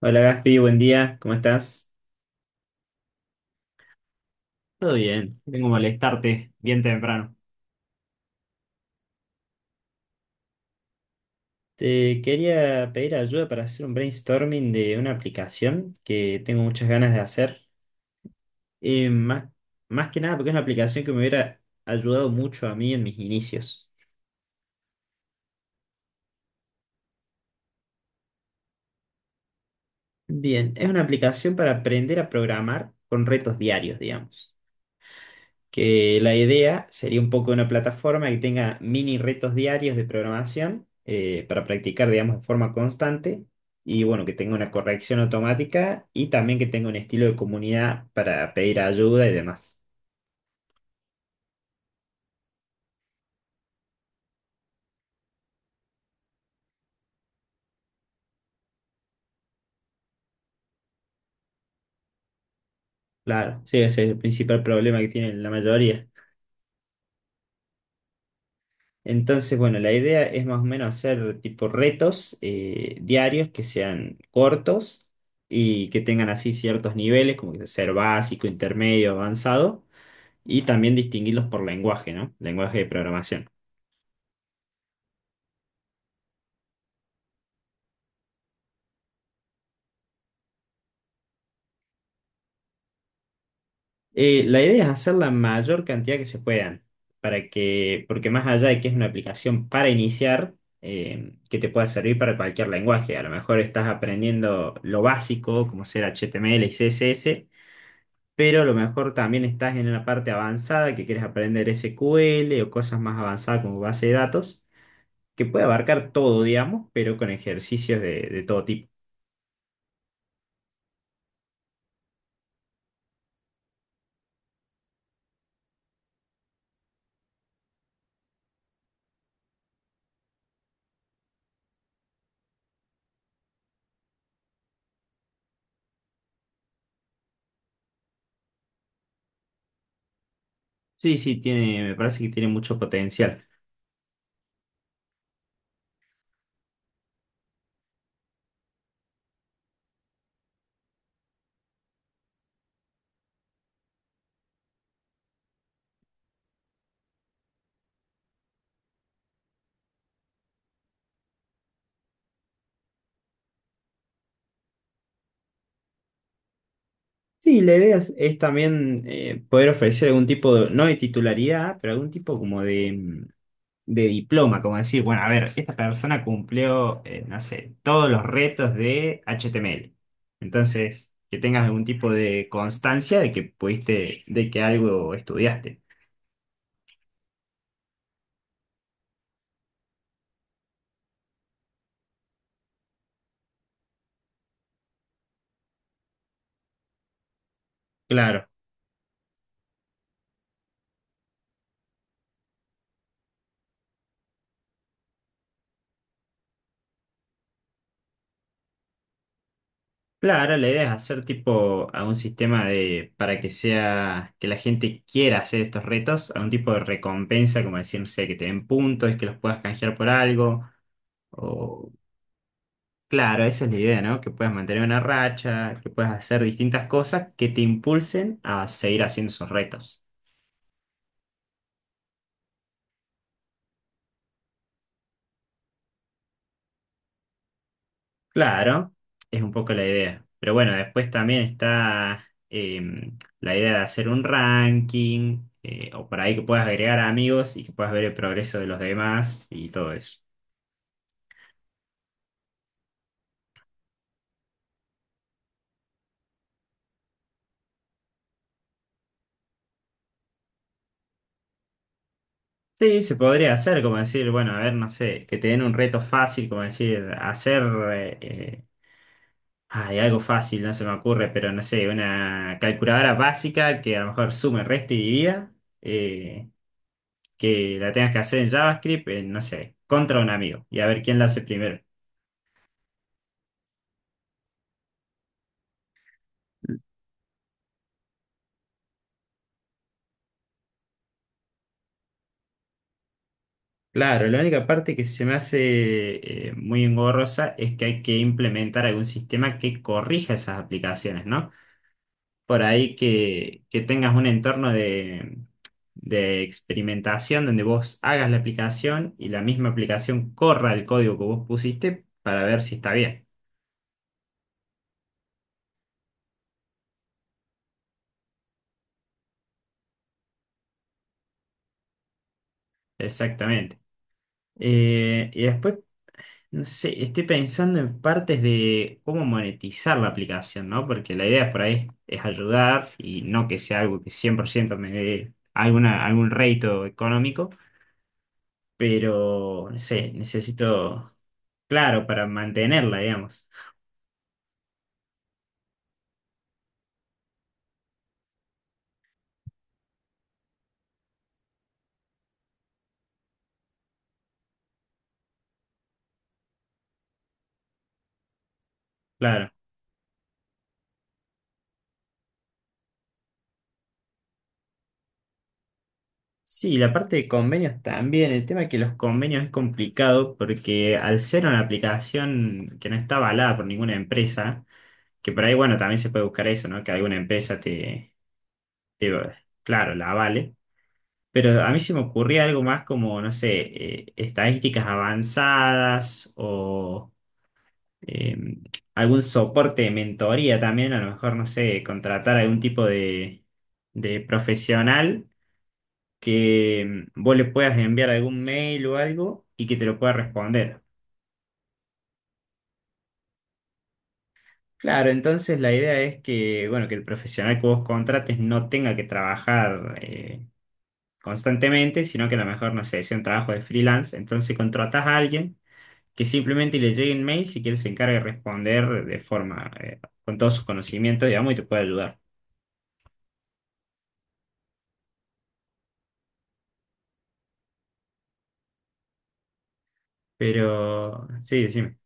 Hola Gaspi, buen día, ¿cómo estás? Todo bien, vengo a molestarte bien temprano. Te quería pedir ayuda para hacer un brainstorming de una aplicación que tengo muchas ganas de hacer. Eh, más, Más que nada porque es una aplicación que me hubiera ayudado mucho a mí en mis inicios. Bien, es una aplicación para aprender a programar con retos diarios, digamos. Que la idea sería un poco una plataforma que tenga mini retos diarios de programación para practicar, digamos, de forma constante, y bueno, que tenga una corrección automática y también que tenga un estilo de comunidad para pedir ayuda y demás. Claro, sí, ese es el principal problema que tienen la mayoría. Entonces, bueno, la idea es más o menos hacer tipo retos diarios que sean cortos y que tengan así ciertos niveles, como que ser básico, intermedio, avanzado, y también distinguirlos por lenguaje, ¿no? Lenguaje de programación. La idea es hacer la mayor cantidad que se puedan, para que, porque más allá de que es una aplicación para iniciar, que te pueda servir para cualquier lenguaje. A lo mejor estás aprendiendo lo básico, como ser HTML y CSS, pero a lo mejor también estás en una parte avanzada que quieres aprender SQL o cosas más avanzadas como base de datos, que puede abarcar todo, digamos, pero con ejercicios de todo tipo. Sí, sí, tiene, me parece que tiene mucho potencial. Sí, la idea es también poder ofrecer algún tipo de, no de titularidad, pero algún tipo como de, de diploma, como decir, bueno, a ver, esta persona cumplió, no sé, todos los retos de HTML. Entonces, que tengas algún tipo de constancia de que pudiste, de que algo estudiaste. Claro, claro, la idea es hacer tipo a un sistema de, para que sea, que la gente quiera hacer estos retos, a un tipo de recompensa, como decir, no sé, que te den puntos, que los puedas canjear por algo. O, claro, esa es la idea, ¿no? Que puedas mantener una racha, que puedas hacer distintas cosas que te impulsen a seguir haciendo esos retos. Claro, es un poco la idea. Pero bueno, después también está la idea de hacer un ranking, o por ahí que puedas agregar amigos y que puedas ver el progreso de los demás y todo eso. Sí, se podría hacer, como decir, bueno, a ver, no sé, que te den un reto fácil, como decir, hacer eh, eh, hay algo fácil, no se me ocurre, pero no sé, una calculadora básica que a lo mejor sume, resta y divida, eh, que la tengas que hacer en JavaScript, en, no sé, contra un amigo, y a ver quién la hace primero. Claro, la única parte que se me hace muy engorrosa es que hay que implementar algún sistema que corrija esas aplicaciones, ¿no? Por ahí que tengas un entorno de experimentación donde vos hagas la aplicación y la misma aplicación corra el código que vos pusiste para ver si está bien. Exactamente. Y después, no sé, estoy pensando en partes de cómo monetizar la aplicación, ¿no? Porque la idea por ahí es ayudar y no que sea algo que 100% me dé alguna, algún rédito económico, pero, no sé, necesito, claro, para mantenerla, digamos. Claro. Sí, la parte de convenios también. El tema es que los convenios es complicado porque al ser una aplicación que no está avalada por ninguna empresa, que por ahí, bueno, también se puede buscar eso, ¿no? Que alguna empresa te, te- claro, la avale. Pero a mí se me ocurría algo más como, no sé, estadísticas avanzadas o eh, algún soporte de mentoría también. A lo mejor, no sé, contratar algún tipo de profesional que vos le puedas enviar algún mail o algo y que te lo pueda responder. Claro, entonces la idea es que, bueno, que el profesional que vos contrates no tenga que trabajar constantemente, sino que a lo mejor, no sé, sea un trabajo de freelance. Entonces contratás a alguien que simplemente le llegue un mail si él se encarga de responder de forma, con todos sus conocimientos, digamos, y te puede ayudar. Pero, sí, decime.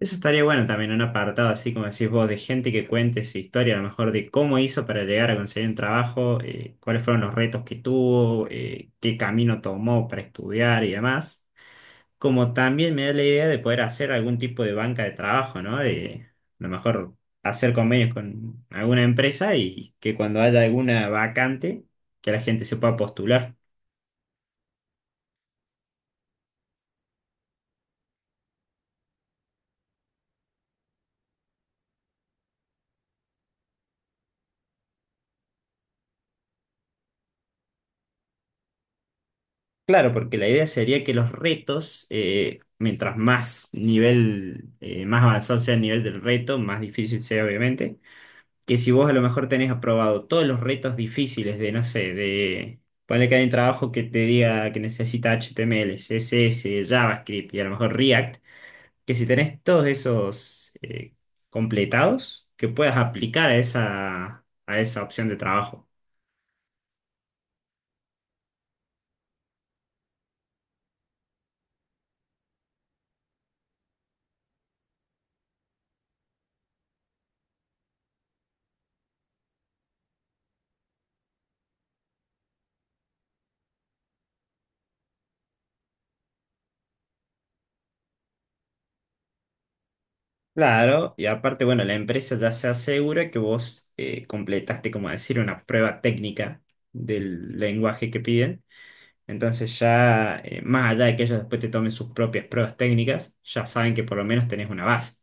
Eso estaría bueno también, un apartado así como decís vos, de gente que cuente su historia, a lo mejor de cómo hizo para llegar a conseguir un trabajo, cuáles fueron los retos que tuvo, qué camino tomó para estudiar y demás. Como también me da la idea de poder hacer algún tipo de banca de trabajo, ¿no? De a lo mejor hacer convenios con alguna empresa y que cuando haya alguna vacante, que la gente se pueda postular. Claro, porque la idea sería que los retos, mientras más nivel, más avanzado sea el nivel del reto, más difícil sea obviamente, que si vos a lo mejor tenés aprobado todos los retos difíciles de, no sé, de poner que hay un trabajo que te diga que necesita HTML, CSS, JavaScript y a lo mejor React, que si tenés todos esos completados, que puedas aplicar a esa opción de trabajo. Claro, y aparte, bueno, la empresa ya se asegura que vos completaste, como decir, una prueba técnica del lenguaje que piden. Entonces ya, más allá de que ellos después te tomen sus propias pruebas técnicas, ya saben que por lo menos tenés una base.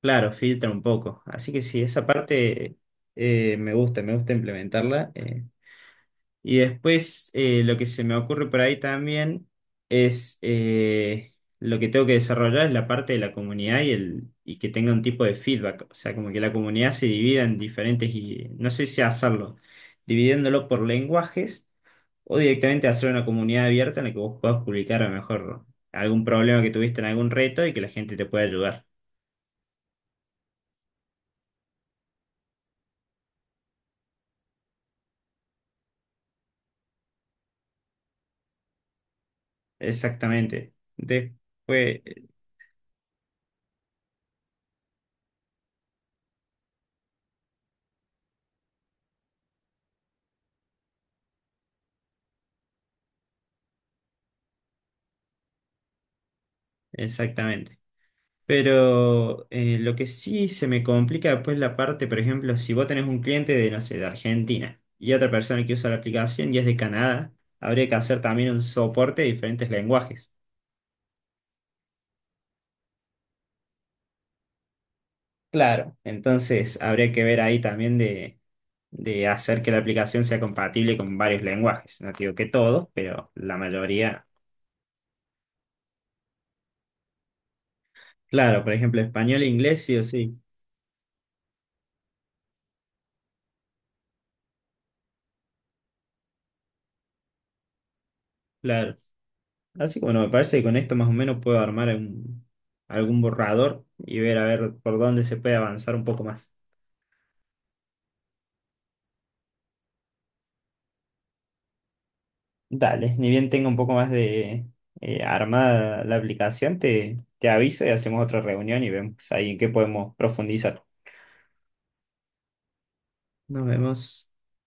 Claro, filtra un poco. Así que sí, esa parte me gusta implementarla. Y después lo que se me ocurre por ahí también es lo que tengo que desarrollar es la parte de la comunidad y, el, y que tenga un tipo de feedback. O sea, como que la comunidad se divida en diferentes, y no sé si hacerlo, dividiéndolo por lenguajes o directamente hacer una comunidad abierta en la que vos puedas publicar a lo mejor algún problema que tuviste en algún reto y que la gente te pueda ayudar. Exactamente. Después, exactamente. Pero lo que sí se me complica después la parte, por ejemplo, si vos tenés un cliente de, no sé, de Argentina y otra persona que usa la aplicación y es de Canadá, habría que hacer también un soporte de diferentes lenguajes. Claro. Entonces, habría que ver ahí también de hacer que la aplicación sea compatible con varios lenguajes. No te digo que todos, pero la mayoría. Claro, por ejemplo, español e inglés, sí o sí. Claro. Así que bueno, me parece que con esto más o menos puedo armar un- algún borrador y ver a ver por dónde se puede avanzar un poco más. Dale, ni bien tenga un poco más de armada la aplicación, te aviso y hacemos otra reunión y vemos ahí en qué podemos profundizar. Nos vemos.